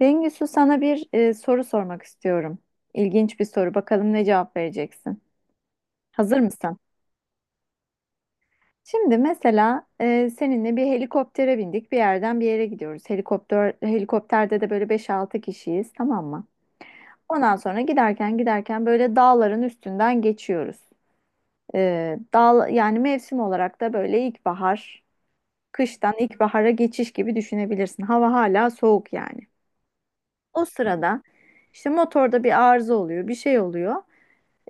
Bengüsü sana bir soru sormak istiyorum. İlginç bir soru. Bakalım ne cevap vereceksin. Hazır mısın? Şimdi mesela seninle bir helikoptere bindik. Bir yerden bir yere gidiyoruz. Helikopterde de böyle beş altı kişiyiz, tamam mı? Ondan sonra giderken böyle dağların üstünden geçiyoruz. Dağ, yani mevsim olarak da böyle ilkbahar, kıştan ilkbahara geçiş gibi düşünebilirsin. Hava hala soğuk yani. O sırada işte motorda bir arıza oluyor, bir şey oluyor.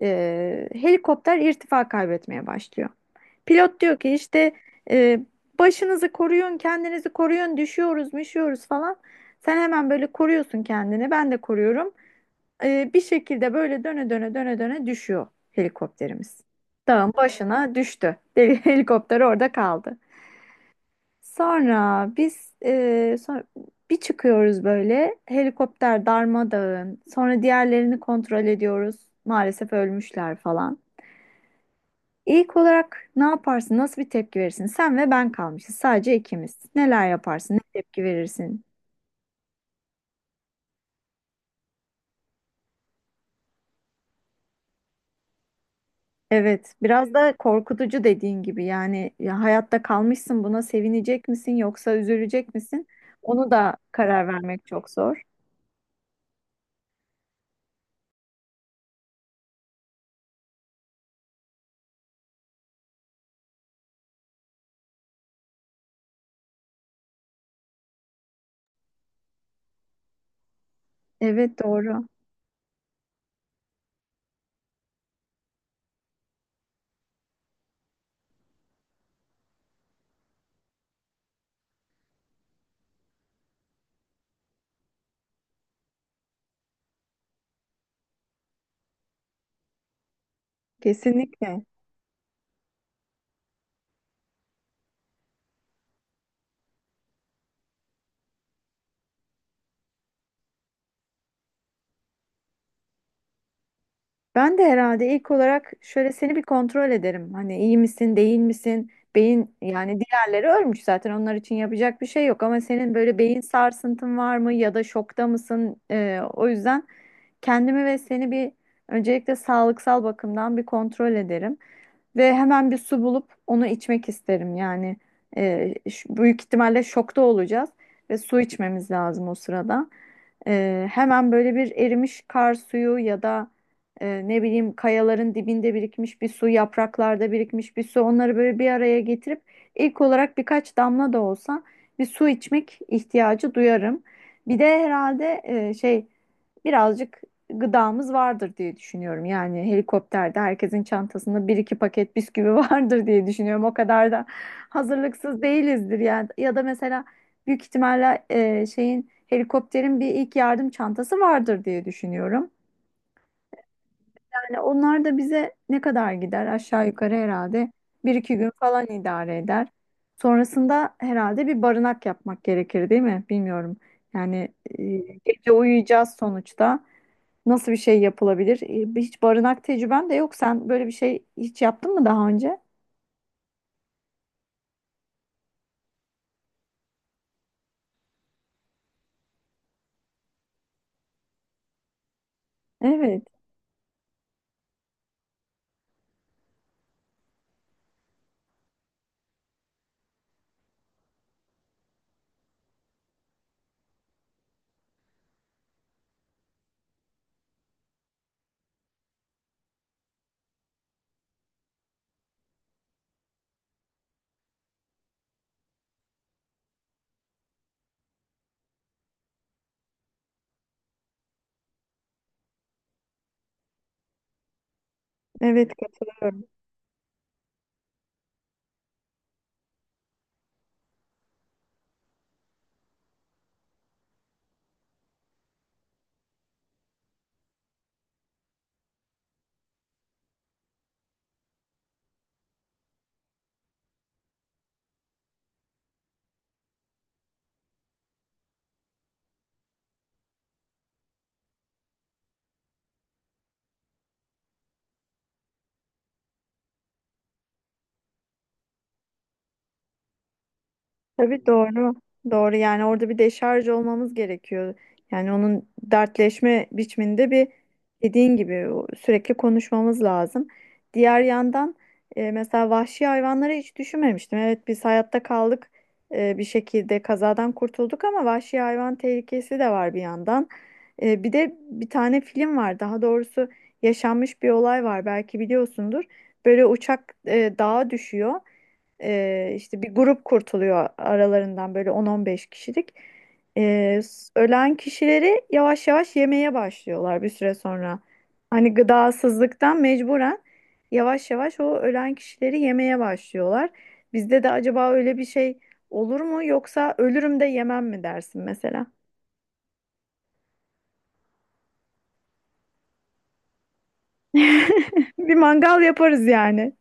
Helikopter irtifa kaybetmeye başlıyor. Pilot diyor ki işte e, başınızı koruyun, kendinizi koruyun, düşüyoruz, müşüyoruz falan. Sen hemen böyle koruyorsun kendini, ben de koruyorum. Bir şekilde böyle döne döne döne döne düşüyor helikopterimiz. Dağın başına düştü. Helikopter orada kaldı. Sonra biz e, sonra bir çıkıyoruz, böyle helikopter darmadağın. Sonra diğerlerini kontrol ediyoruz. Maalesef ölmüşler falan. İlk olarak ne yaparsın? Nasıl bir tepki verirsin? Sen ve ben kalmışız. Sadece ikimiz. Neler yaparsın? Ne tepki verirsin? Evet, biraz da korkutucu dediğin gibi. Yani ya hayatta kalmışsın, buna sevinecek misin yoksa üzülecek misin? Onu da karar vermek çok zor. Evet, doğru. Kesinlikle. Ben de herhalde ilk olarak şöyle seni bir kontrol ederim. Hani iyi misin, değil misin? Beyin, yani diğerleri ölmüş zaten, onlar için yapacak bir şey yok, ama senin böyle beyin sarsıntın var mı ya da şokta mısın? O yüzden kendimi ve seni bir, öncelikle sağlıksal bakımdan bir kontrol ederim ve hemen bir su bulup onu içmek isterim. Yani büyük ihtimalle şokta olacağız ve su içmemiz lazım o sırada. Hemen böyle bir erimiş kar suyu ya da ne bileyim, kayaların dibinde birikmiş bir su, yapraklarda birikmiş bir su, onları böyle bir araya getirip ilk olarak birkaç damla da olsa bir su içmek ihtiyacı duyarım. Bir de herhalde birazcık gıdamız vardır diye düşünüyorum. Yani helikopterde herkesin çantasında bir iki paket bisküvi vardır diye düşünüyorum. O kadar da hazırlıksız değilizdir yani. Ya da mesela büyük ihtimalle e, şeyin helikopterin bir ilk yardım çantası vardır diye düşünüyorum. Yani onlar da bize ne kadar gider, aşağı yukarı herhalde bir iki gün falan idare eder. Sonrasında herhalde bir barınak yapmak gerekir, değil mi? Bilmiyorum. Yani e, gece uyuyacağız sonuçta. Nasıl bir şey yapılabilir? Hiç barınak tecrüben de yok. Sen böyle bir şey hiç yaptın mı daha önce? Evet, evet, katılıyorum. Tabii, doğru. Doğru, yani orada bir deşarj olmamız gerekiyor. Yani onun dertleşme biçiminde bir, dediğin gibi sürekli konuşmamız lazım. Diğer yandan mesela vahşi hayvanları hiç düşünmemiştim. Evet, biz hayatta kaldık, bir şekilde kazadan kurtulduk, ama vahşi hayvan tehlikesi de var bir yandan. Bir de bir tane film var, daha doğrusu yaşanmış bir olay var, belki biliyorsundur. Böyle uçak dağa düşüyor, işte bir grup kurtuluyor aralarından, böyle 10-15 kişilik. Ölen kişileri yavaş yavaş yemeye başlıyorlar bir süre sonra. Hani gıdasızlıktan mecburen yavaş yavaş o ölen kişileri yemeye başlıyorlar. Bizde de acaba öyle bir şey olur mu, yoksa ölürüm de yemem mi dersin mesela? Bir mangal yaparız yani.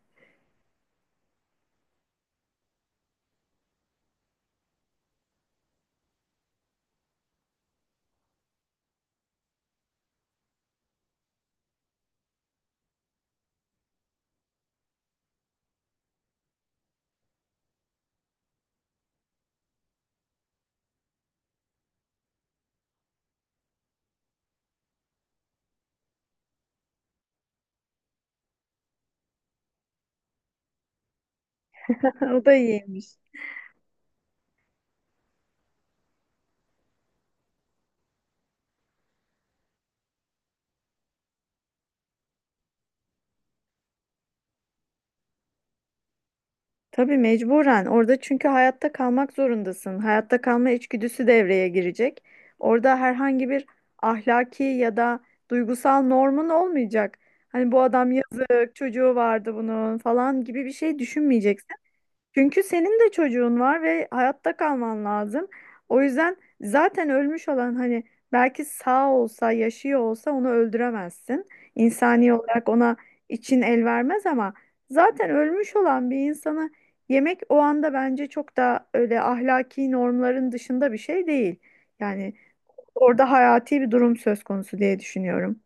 O da iyiymiş. Tabii, mecburen orada çünkü hayatta kalmak zorundasın. Hayatta kalma içgüdüsü devreye girecek. Orada herhangi bir ahlaki ya da duygusal normun olmayacak. Hani bu adam yazık, çocuğu vardı bunun falan gibi bir şey düşünmeyeceksin. Çünkü senin de çocuğun var ve hayatta kalman lazım. O yüzden zaten ölmüş olan, hani belki sağ olsa, yaşıyor olsa onu öldüremezsin. İnsani olarak ona için el vermez, ama zaten ölmüş olan bir insanı yemek o anda bence çok da öyle ahlaki normların dışında bir şey değil. Yani orada hayati bir durum söz konusu diye düşünüyorum.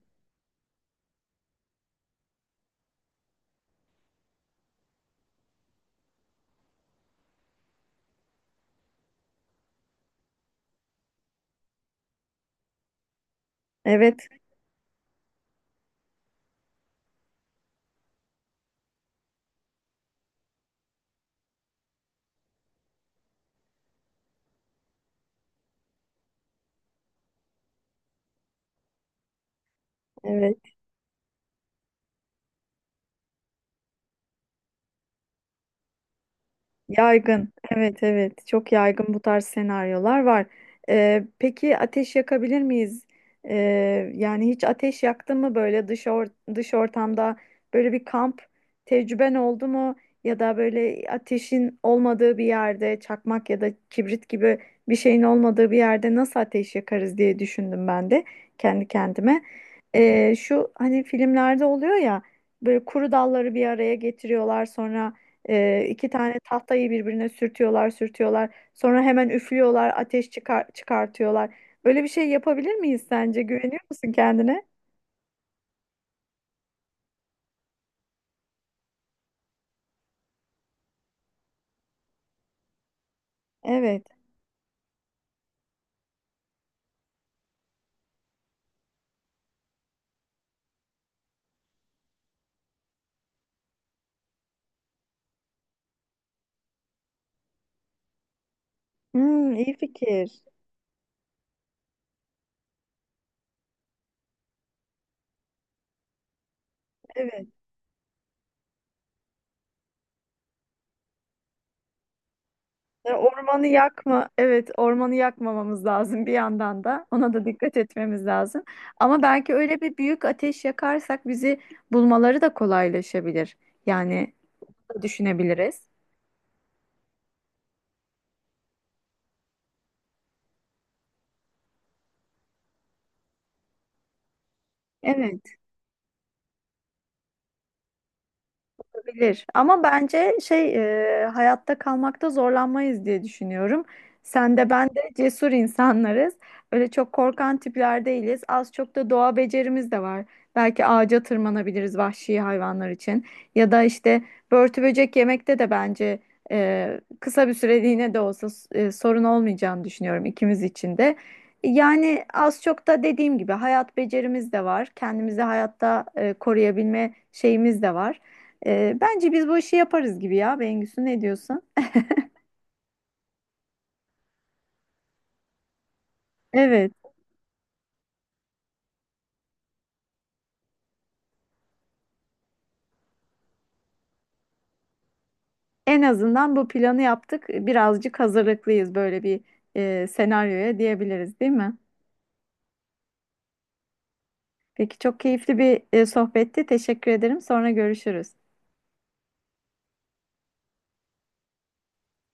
Evet, evet. Yaygın. Evet, evet. Çok yaygın, bu tarz senaryolar var. Peki ateş yakabilir miyiz? Yani hiç ateş yaktın mı, böyle dış ortamda böyle bir kamp tecrüben oldu mu? Ya da böyle ateşin olmadığı bir yerde çakmak ya da kibrit gibi bir şeyin olmadığı bir yerde nasıl ateş yakarız diye düşündüm ben de kendi kendime. Şu hani filmlerde oluyor ya, böyle kuru dalları bir araya getiriyorlar sonra. İki tane tahtayı birbirine sürtüyorlar, sürtüyorlar. Sonra hemen üflüyorlar, ateş çıkar, çıkartıyorlar. Böyle bir şey yapabilir miyiz sence? Güveniyor musun kendine? Evet. Hmm, iyi fikir. Evet. Ya, ormanı yakma. Evet, ormanı yakmamamız lazım bir yandan da. Ona da dikkat etmemiz lazım. Ama belki öyle bir büyük ateş yakarsak bizi bulmaları da kolaylaşabilir. Yani bunu da düşünebiliriz. Evet. Bilir. Ama bence şey, hayatta kalmakta zorlanmayız diye düşünüyorum. Sen de ben de cesur insanlarız. Öyle çok korkan tipler değiliz. Az çok da doğa becerimiz de var. Belki ağaca tırmanabiliriz vahşi hayvanlar için. Ya da işte börtü böcek yemekte de bence kısa bir süreliğine de olsa sorun olmayacağını düşünüyorum ikimiz için de. Yani az çok da dediğim gibi hayat becerimiz de var. Kendimizi hayatta koruyabilme şeyimiz de var. Bence biz bu işi yaparız gibi ya. Bengüsü, ne diyorsun? Evet. En azından bu planı yaptık. Birazcık hazırlıklıyız böyle bir senaryoya diyebiliriz, değil mi? Peki, çok keyifli bir sohbetti. Teşekkür ederim. Sonra görüşürüz.